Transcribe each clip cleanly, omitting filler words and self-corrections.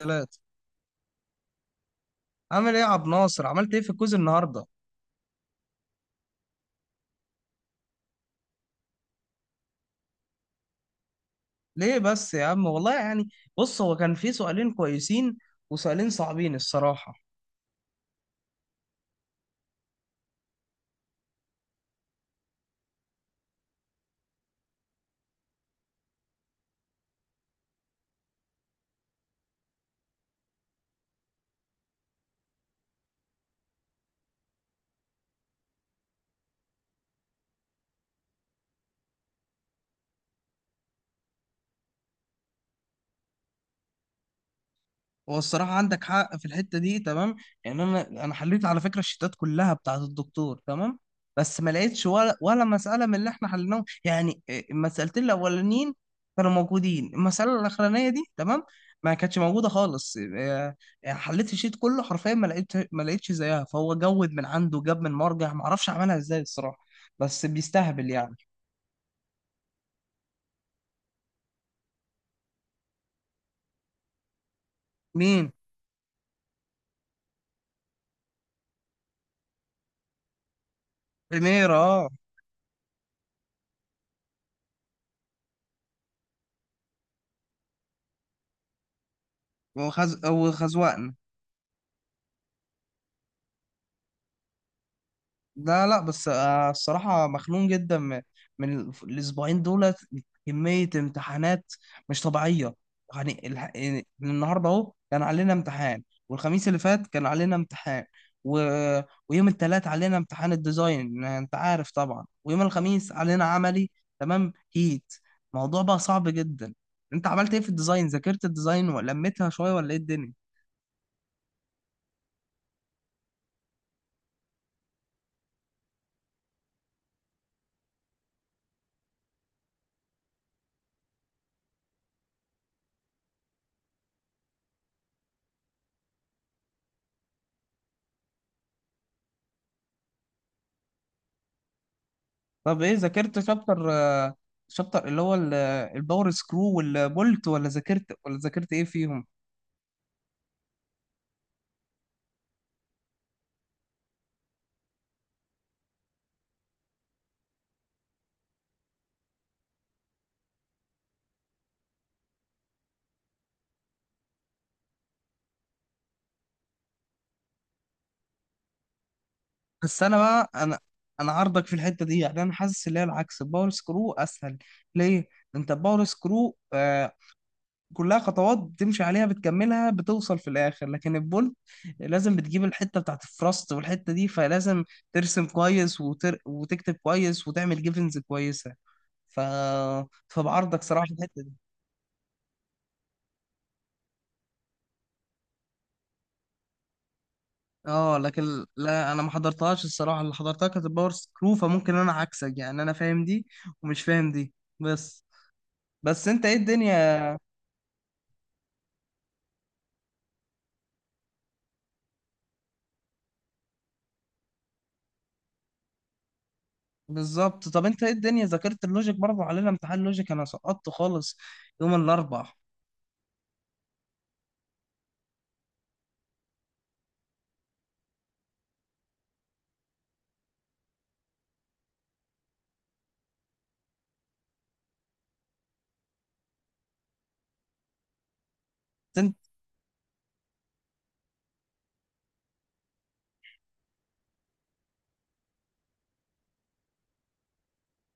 ثلاثة. عامل ايه يا عبد الناصر؟ عملت ايه في الكوز النهارده؟ ليه بس يا عم؟ والله يعني، بص، هو كان في سؤالين كويسين وسؤالين صعبين الصراحة. هو الصراحة عندك حق في الحتة دي، تمام. يعني أنا حليت على فكرة الشيتات كلها بتاعة الدكتور، تمام. بس ما لقيتش ولا مسألة من اللي إحنا حليناهم، يعني إيه، المسألتين الأولانيين كانوا موجودين، المسألة الأخرانية دي، تمام، ما كانتش موجودة خالص. إيه، حليت الشيت كله حرفيا، ما لقيتش زيها، فهو جود من عنده، جاب من مرجع ما أعرفش عملها إزاي الصراحة، بس بيستهبل يعني. مين؟ إميرة، أه. وخزوقنا. لا لا، بس الصراحة مخنوق جدا من الأسبوعين دولت، كمية امتحانات مش طبيعية. يعني، يعني النهاردة أهو كان علينا امتحان، والخميس اللي فات كان علينا امتحان، و... ويوم التلات علينا امتحان الديزاين أنت عارف طبعا، ويوم الخميس علينا عملي، تمام هيت، الموضوع بقى صعب جدا. أنت عملت إيه في الديزاين؟ ذاكرت الديزاين ولمتها شوية ولا إيه الدنيا؟ طب ايه، ذاكرت شابتر، شابتر اللي هو الباور سكرو والبولت، ولا ذاكرت، ولا ذاكرت ايه فيهم؟ بس انا، بقى، انا عارضك في الحته دي، يعني انا حاسس ان هي العكس، الباور سكرو اسهل. ليه؟ انت الباور سكرو كلها خطوات بتمشي عليها، بتكملها، بتوصل في الاخر. لكن البولت لازم بتجيب الحته بتاعت الفراست والحته دي، فلازم ترسم كويس وتكتب كويس وتعمل جيفنز كويسه. ف فبعرضك صراحه في الحته دي. اه، لكن لا، انا ما حضرتهاش الصراحه، اللي حضرتها كانت الباور سكرو، فممكن انا عكسك، يعني انا فاهم دي ومش فاهم دي. بس بس انت ايه الدنيا؟ بالظبط. طب انت ايه الدنيا، ذاكرت اللوجيك؟ برضه علينا امتحان لوجيك، انا سقطت خالص يوم الاربع. بس انت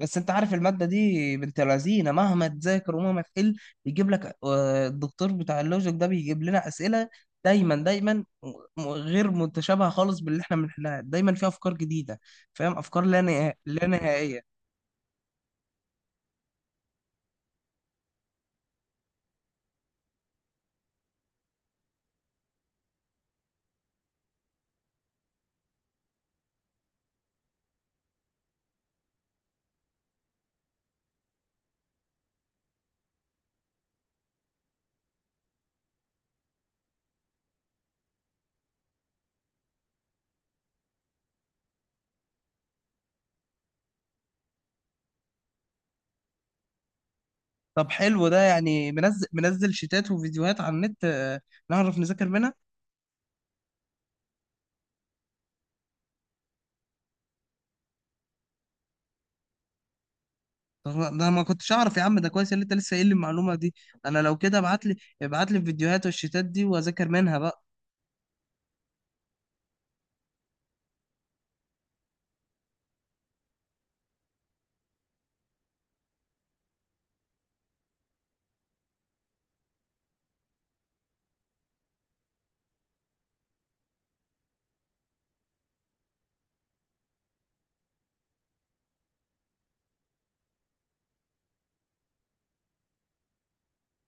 بس انت عارف الماده دي بنت لذينه، مهما تذاكر ومهما تحل بيجيب لك، الدكتور بتاع اللوجيك ده بيجيب لنا اسئله دايما دايما، غير متشابهه خالص باللي احنا بنحلها، دايما فيها افكار جديده، فاهم؟ افكار لا نهائيه لا نهائيه. طب حلو ده، يعني منزل شيتات وفيديوهات على النت، نعرف نذاكر منها. طب، ده ما كنتش اعرف يا عم، ده كويس اللي انت لسه قايل لي المعلومه دي، انا لو كده ابعت لي الفيديوهات والشيتات دي واذاكر منها بقى.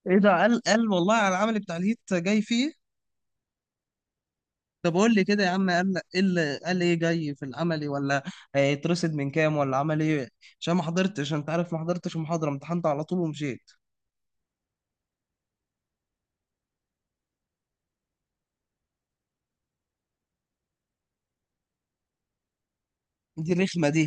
ايه ده، قال والله على العمل بتاع الهيت جاي فيه؟ طب قول لي كده يا عم، قال ايه جاي في العملي ولا هيترصد من كام ولا عمل ايه؟ عشان ما حضرتش، انت عارف، ما حضرتش المحاضره، امتحنت على طول ومشيت. دي الرخمه دي.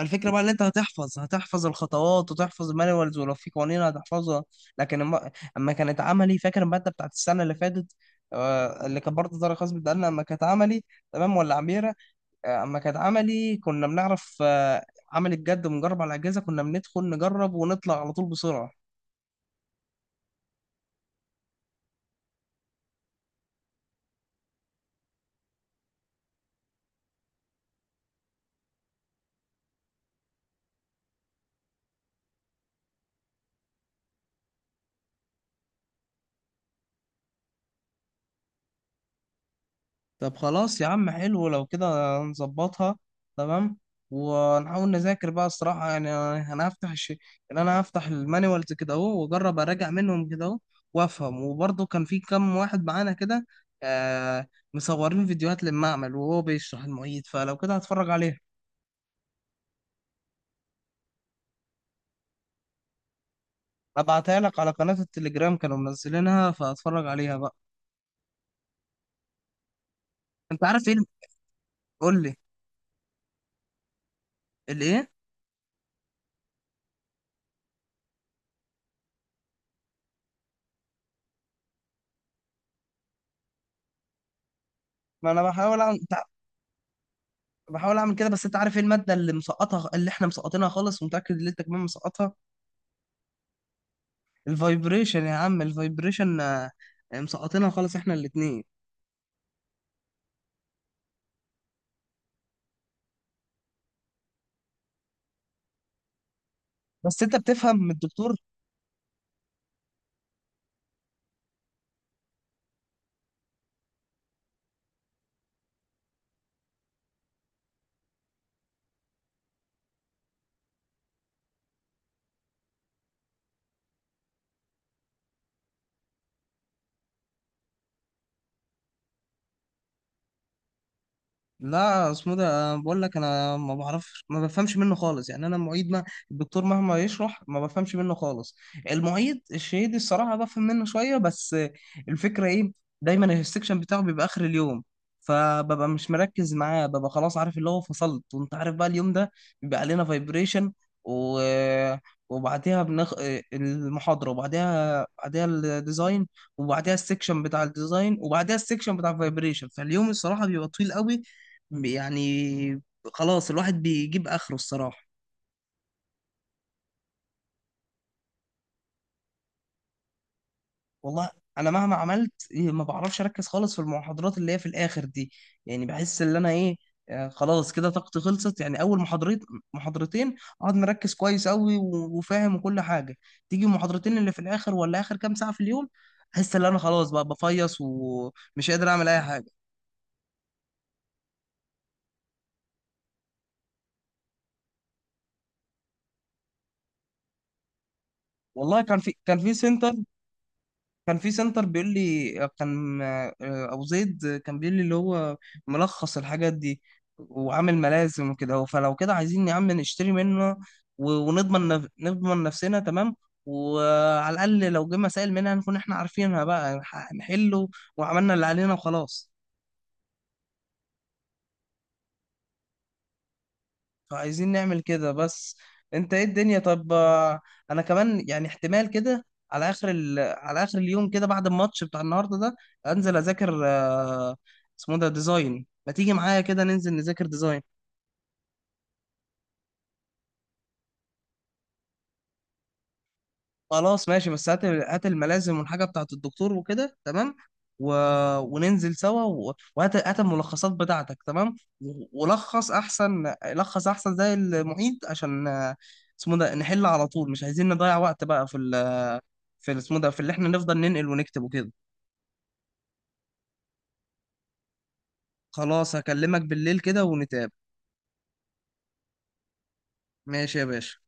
الفكرة بقى ان انت هتحفظ الخطوات وتحفظ المانيوالز، ولو في قوانين هتحفظها. لكن أما كانت عملي، فاكر المادة بتاعت السنة اللي فاتت؟ اللي كان برضه درجة خاص بالدقن، اما كانت عملي، تمام ولا عميرة؟ اما كانت عملي كنا بنعرف عمل الجد ونجرب على الأجهزة، كنا بندخل نجرب ونطلع على طول بسرعة. طب خلاص يا عم، حلو لو كده نظبطها تمام، ونحاول نذاكر بقى الصراحة يعني. أنا هفتح الشيء، يعني أنا هفتح المانيوالز كده أهو، وأجرب أراجع منهم كده أهو وأفهم. وبرضه كان في كام واحد معانا كده، آه، مصورين فيديوهات للمعمل وهو بيشرح المعيد، فلو كده هتفرج عليها. أبعتها لك على قناة التليجرام، كانوا منزلينها فهتفرج عليها بقى. أنت عارف إيه؟ قول لي. الإيه؟ ما أنا بحاول، بحاول اعمل كده، بس انت عارف ايه الماده اللي مسقطها، اللي احنا مسقطينها خالص ومتاكد ان انت كمان مسقطها؟ الفايبريشن يا عم، الفايبريشن، مسقطينها خالص احنا الاتنين. بس انت بتفهم من الدكتور؟ لا، اسمه ده، أنا بقول لك انا ما بعرفش، ما بفهمش منه خالص، يعني انا المعيد ما، الدكتور مهما يشرح ما بفهمش منه خالص. المعيد الشهيدي الصراحه بفهم منه شويه بس. الفكره ايه؟ دايما السكشن بتاعه بيبقى اخر اليوم، فببقى مش مركز معاه، ببقى خلاص عارف اللي هو فصلت، وانت عارف بقى. اليوم ده بيبقى علينا فايبريشن، و... وبعديها بنخ... المحاضره، بعديها الديزاين، وبعديها السكشن بتاع الديزاين، وبعديها السكشن بتاع الفايبريشن، فاليوم الصراحه بيبقى طويل قوي. يعني خلاص الواحد بيجيب اخره الصراحه. والله انا مهما عملت إيه، ما بعرفش اركز خالص في المحاضرات اللي هي في الاخر دي، يعني بحس ان انا ايه، خلاص كده طاقتي خلصت، يعني اول محاضرتين اقعد مركز كويس قوي وفاهم وكل حاجه. تيجي المحاضرتين اللي في الاخر ولا اخر كام ساعه في اليوم احس ان انا خلاص بقى بفيص ومش قادر اعمل اي حاجه. والله كان في سنتر بيقول لي، كان ابو زيد كان بيقول لي اللي هو ملخص الحاجات دي وعامل ملازم وكده اهو. فلو كده عايزين يا عم نشتري منه نضمن نفسنا تمام، وعلى الاقل لو جه مسائل منها نكون احنا عارفينها بقى، نحله وعملنا اللي علينا وخلاص. فعايزين نعمل كده بس. انت ايه الدنيا، طب، انا كمان يعني احتمال كده، على على اخر اليوم كده بعد الماتش بتاع النهارده ده انزل اذاكر، اسمه ده ديزاين، ما تيجي معايا كده ننزل نذاكر ديزاين؟ خلاص ماشي. بس هات هات الملازم والحاجة بتاعت الدكتور وكده تمام، و... وننزل سوا، وهات هات الملخصات بتاعتك تمام، ولخص أحسن، لخص أحسن زي المعيد، عشان اسمه ده نحل على طول، مش عايزين نضيع وقت بقى اسمه ده في اللي احنا نفضل ننقل ونكتب وكده. خلاص، هكلمك بالليل كده ونتقابل. ماشي يا باشا.